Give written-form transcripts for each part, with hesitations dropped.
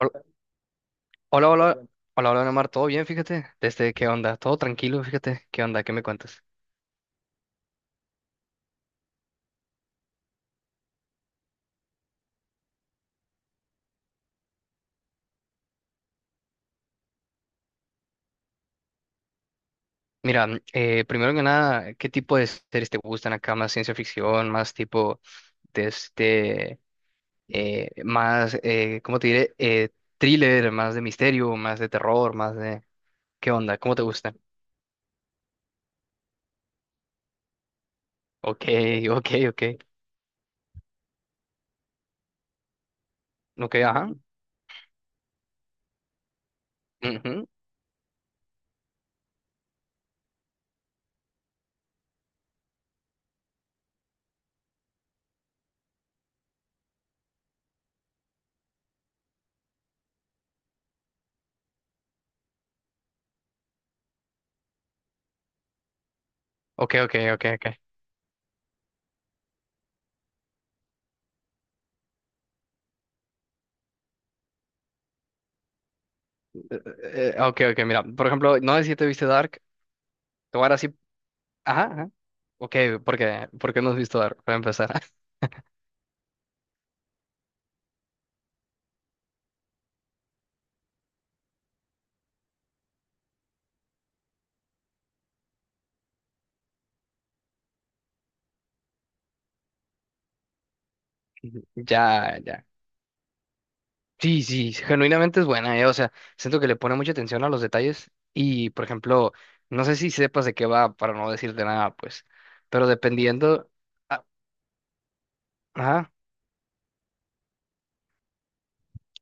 Hol- Hola, hola, Neomar, ¿todo bien? Fíjate, desde qué onda, todo tranquilo, fíjate, qué onda, qué me cuentas. Mira, primero que nada, ¿qué tipo de series te gustan acá? ¿Más ciencia ficción, más tipo de este, más, ¿cómo te diré? Thriller, más de misterio, más de terror, más de... ¿Qué onda? ¿Cómo te gustan? Ok, ok, ok, ok, ajá, ujú, Ok. Ok, mira, por ejemplo, no sé si te viste Dark, te voy a dar así, ajá, Ok, porque, porque no has visto Dark, para empezar. Ya, ya. Sí, sí, genuinamente es buena, o sea, siento que le pone mucha atención a los detalles y, por ejemplo, no sé si sepas de qué va, para no decirte nada, pues, pero dependiendo, ah, ajá,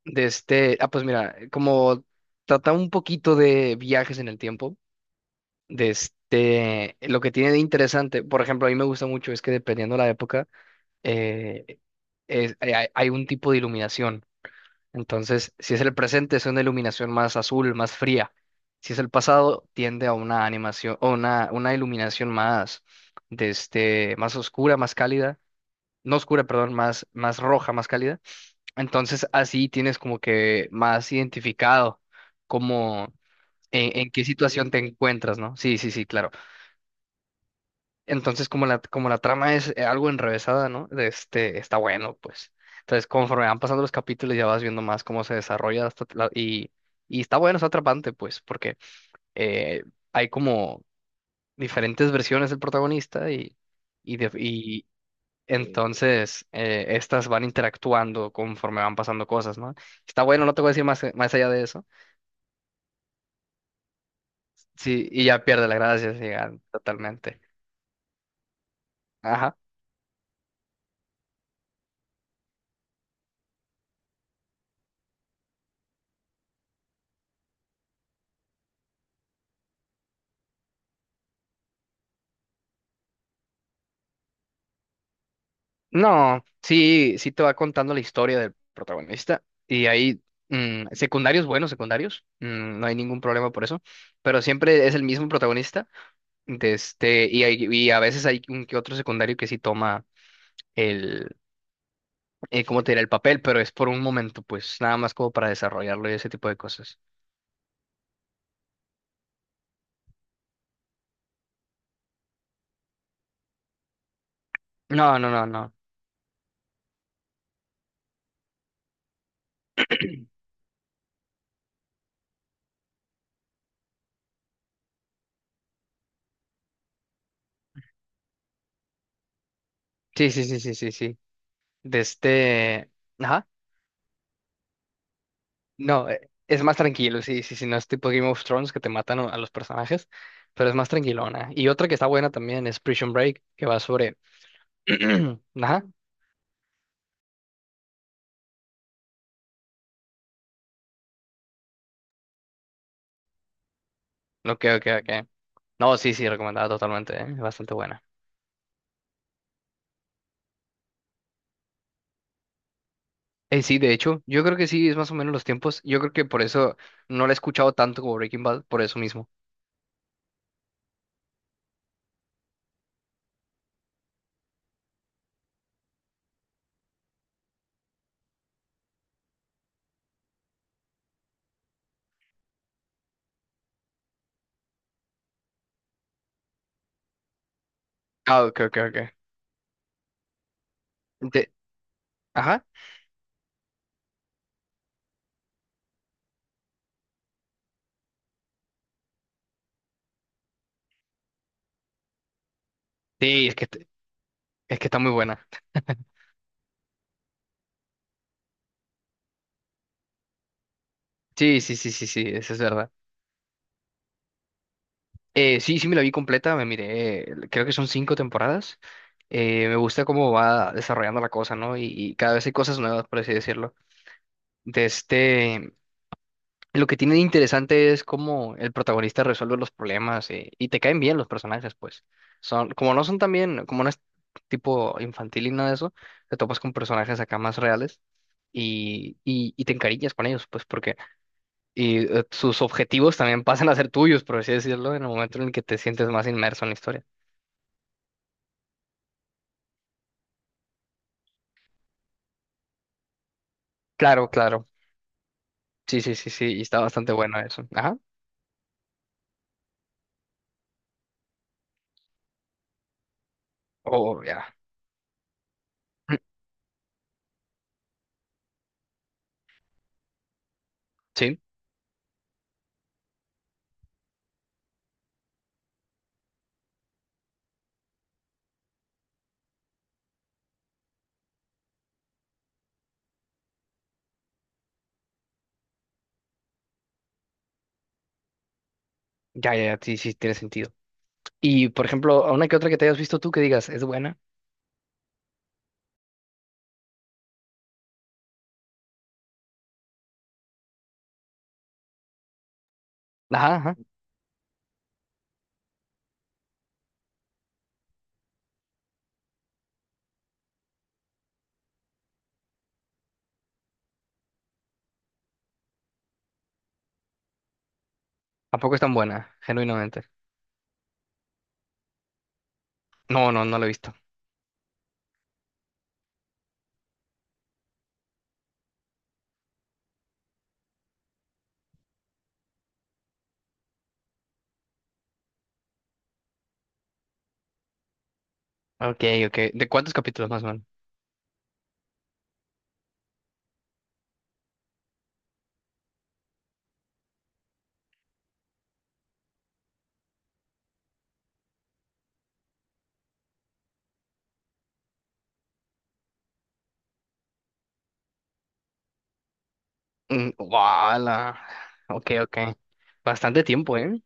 de este, ah, pues mira, como trata un poquito de viajes en el tiempo, de este, lo que tiene de interesante, por ejemplo, a mí me gusta mucho es que dependiendo la época, eh, hay un tipo de iluminación. Entonces, si es el presente, es una iluminación más azul, más fría. Si es el pasado, tiende a una animación o una iluminación más, de este, más oscura, más cálida. No oscura, perdón, más roja, más cálida. Entonces, así tienes como que más identificado como en qué situación te encuentras, ¿no? Sí, sí, sí, claro. Entonces, como la trama es algo enrevesada, ¿no? De este, está bueno, pues. Entonces, conforme van pasando los capítulos, ya vas viendo más cómo se desarrolla y está bueno, está atrapante, pues, porque eh, hay como diferentes versiones del protagonista y entonces estas van interactuando conforme van pasando cosas, ¿no? Está bueno, no te voy a decir más, más allá de eso. Sí, y ya pierde la gracia, sí, ya, totalmente. Ajá. No, sí, sí te va contando la historia del protagonista y hay secundarios buenos, secundarios, no hay ningún problema por eso, pero siempre es el mismo protagonista de este, y a veces hay un que otro secundario que sí toma el, ¿cómo te diré? El papel, pero es por un momento, pues nada más como para desarrollarlo y ese tipo de cosas. No, no, no, no. Sí, sí, sí, sí, sí, sí. De este... Ajá. No, es más tranquilo, sí, sí, sí, no es tipo Game of Thrones que te matan a los personajes, pero es más tranquilona. Y otra que está buena también es Prison Break, que va sobre... Ajá, ok, ok. No, sí, sí, recomendada totalmente, bastante buena. Sí, de hecho, yo creo que sí, es más o menos los tiempos. Yo creo que por eso no la he escuchado tanto como Breaking Bad, por eso mismo. Ah, ok, ok. De- Ajá, sí, es que está muy buena. Sí, sí, sí, sí, sí, eso es verdad. Sí, sí me la vi completa, me miré, creo que son cinco temporadas. Me gusta cómo va desarrollando la cosa, ¿no? Y cada vez hay cosas nuevas, por así decirlo. De este, lo que tiene de interesante es cómo el protagonista resuelve los problemas y te caen bien los personajes, pues. Son, como no son también, como no es tipo infantil y nada de eso, te topas con personajes acá más reales y te encariñas con ellos, pues porque sus objetivos también pasan a ser tuyos, por así decirlo, en el momento en el que te sientes más inmerso en la historia. Claro, claro. Sí, sí, sí, sí. Y está bastante bueno eso. Ajá. Oh, ya. Mm, sí, ya, ya, ya, sí, sí, tiene sentido. Y, por ejemplo, a una que otra que te hayas visto tú que digas, ¿es buena? Ajá, ajá. ¿Tampoco es tan buena? Genuinamente. No, no, no lo he visto. Ok, ok. ¿De cuántos capítulos más o menos? Mm, ¡Wala! Ok, ok. Bastante tiempo, ¿eh?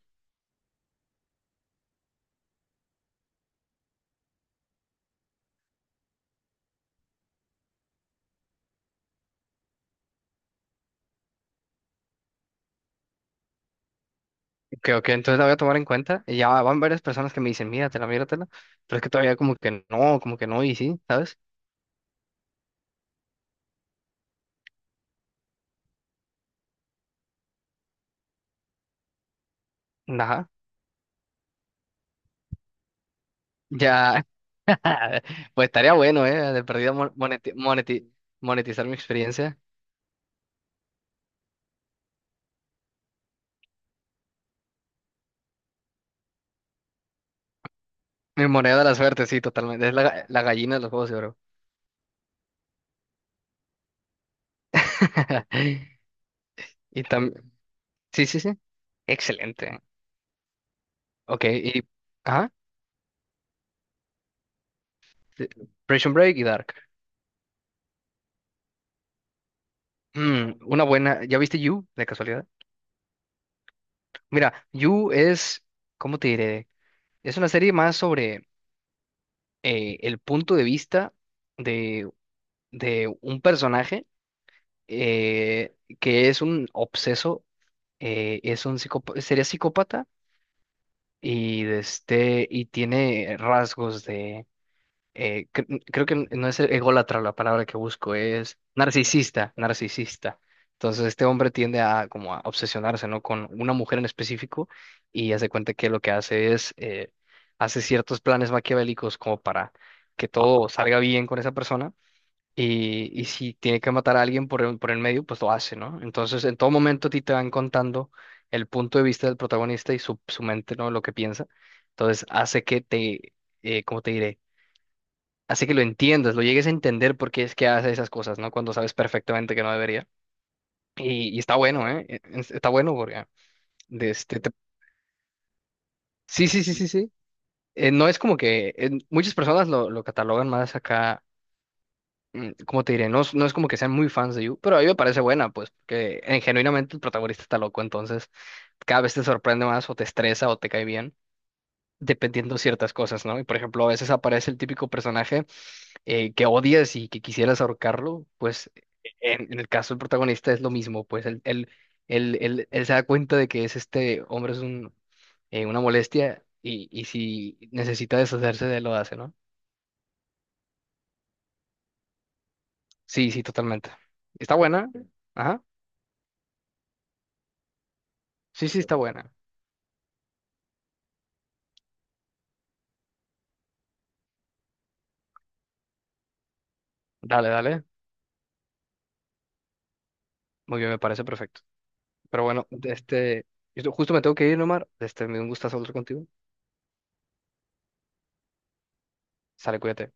Ok, ok. Entonces la voy a tomar en cuenta. Y ya van varias personas que me dicen, míratela, míratela. Pero es que todavía como que no, y sí, ¿sabes? Ajá. Ya. Pues estaría bueno, ¿eh? De perdido monetizar mi experiencia. Mi moneda de la suerte, sí, totalmente. Es la, la gallina de los juegos de oro. Y también. Sí, sí, sí. Excelente. Ok, y. Ajá. Sí, Prison Break y Dark. Mm, una buena. ¿Ya viste You, de casualidad? Mira, You es. ¿Cómo te diré? Es una serie más sobre el punto de vista de, de un personaje eh, que es un obseso es un psicópata, sería psicópata y de este y tiene rasgos de creo que no es ególatra la palabra que busco, es narcisista, narcisista. Entonces este hombre tiende a como a obsesionarse, ¿no? Con una mujer en específico y hace cuenta que lo que hace es hace ciertos planes maquiavélicos como para que todo salga bien con esa persona y si tiene que matar a alguien por el medio, pues lo hace, ¿no? Entonces, en todo momento a ti te van contando el punto de vista del protagonista y su mente, ¿no? Lo que piensa. Entonces, hace que te, ¿cómo te diré? Hace que lo entiendas, lo llegues a entender por qué es que hace esas cosas, ¿no? Cuando sabes perfectamente que no debería. Y está bueno, ¿eh? Está bueno porque... ah, de este, te- Sí, sí, sí, sí, sí. No es como que... muchas personas lo catalogan más acá como te diré, no, no es como que sean muy fans de You, pero a mí me parece buena, pues, porque genuinamente el protagonista está loco, entonces cada vez te sorprende más o te estresa o te cae bien, dependiendo ciertas cosas, ¿no? Y por ejemplo, a veces aparece el típico personaje que odias y que quisieras ahorcarlo, pues en el caso del protagonista es lo mismo, pues él se da cuenta de que es este hombre es un, una molestia y si necesita deshacerse de él lo hace, ¿no? Sí, sí, totalmente. Está buena. Ajá. Sí, sí, está buena. Dale, dale. Muy bien, me parece perfecto. Pero bueno, este, yo justo me tengo que ir, Omar. Este, me dio un gustazo hablar contigo. Sale, cuídate.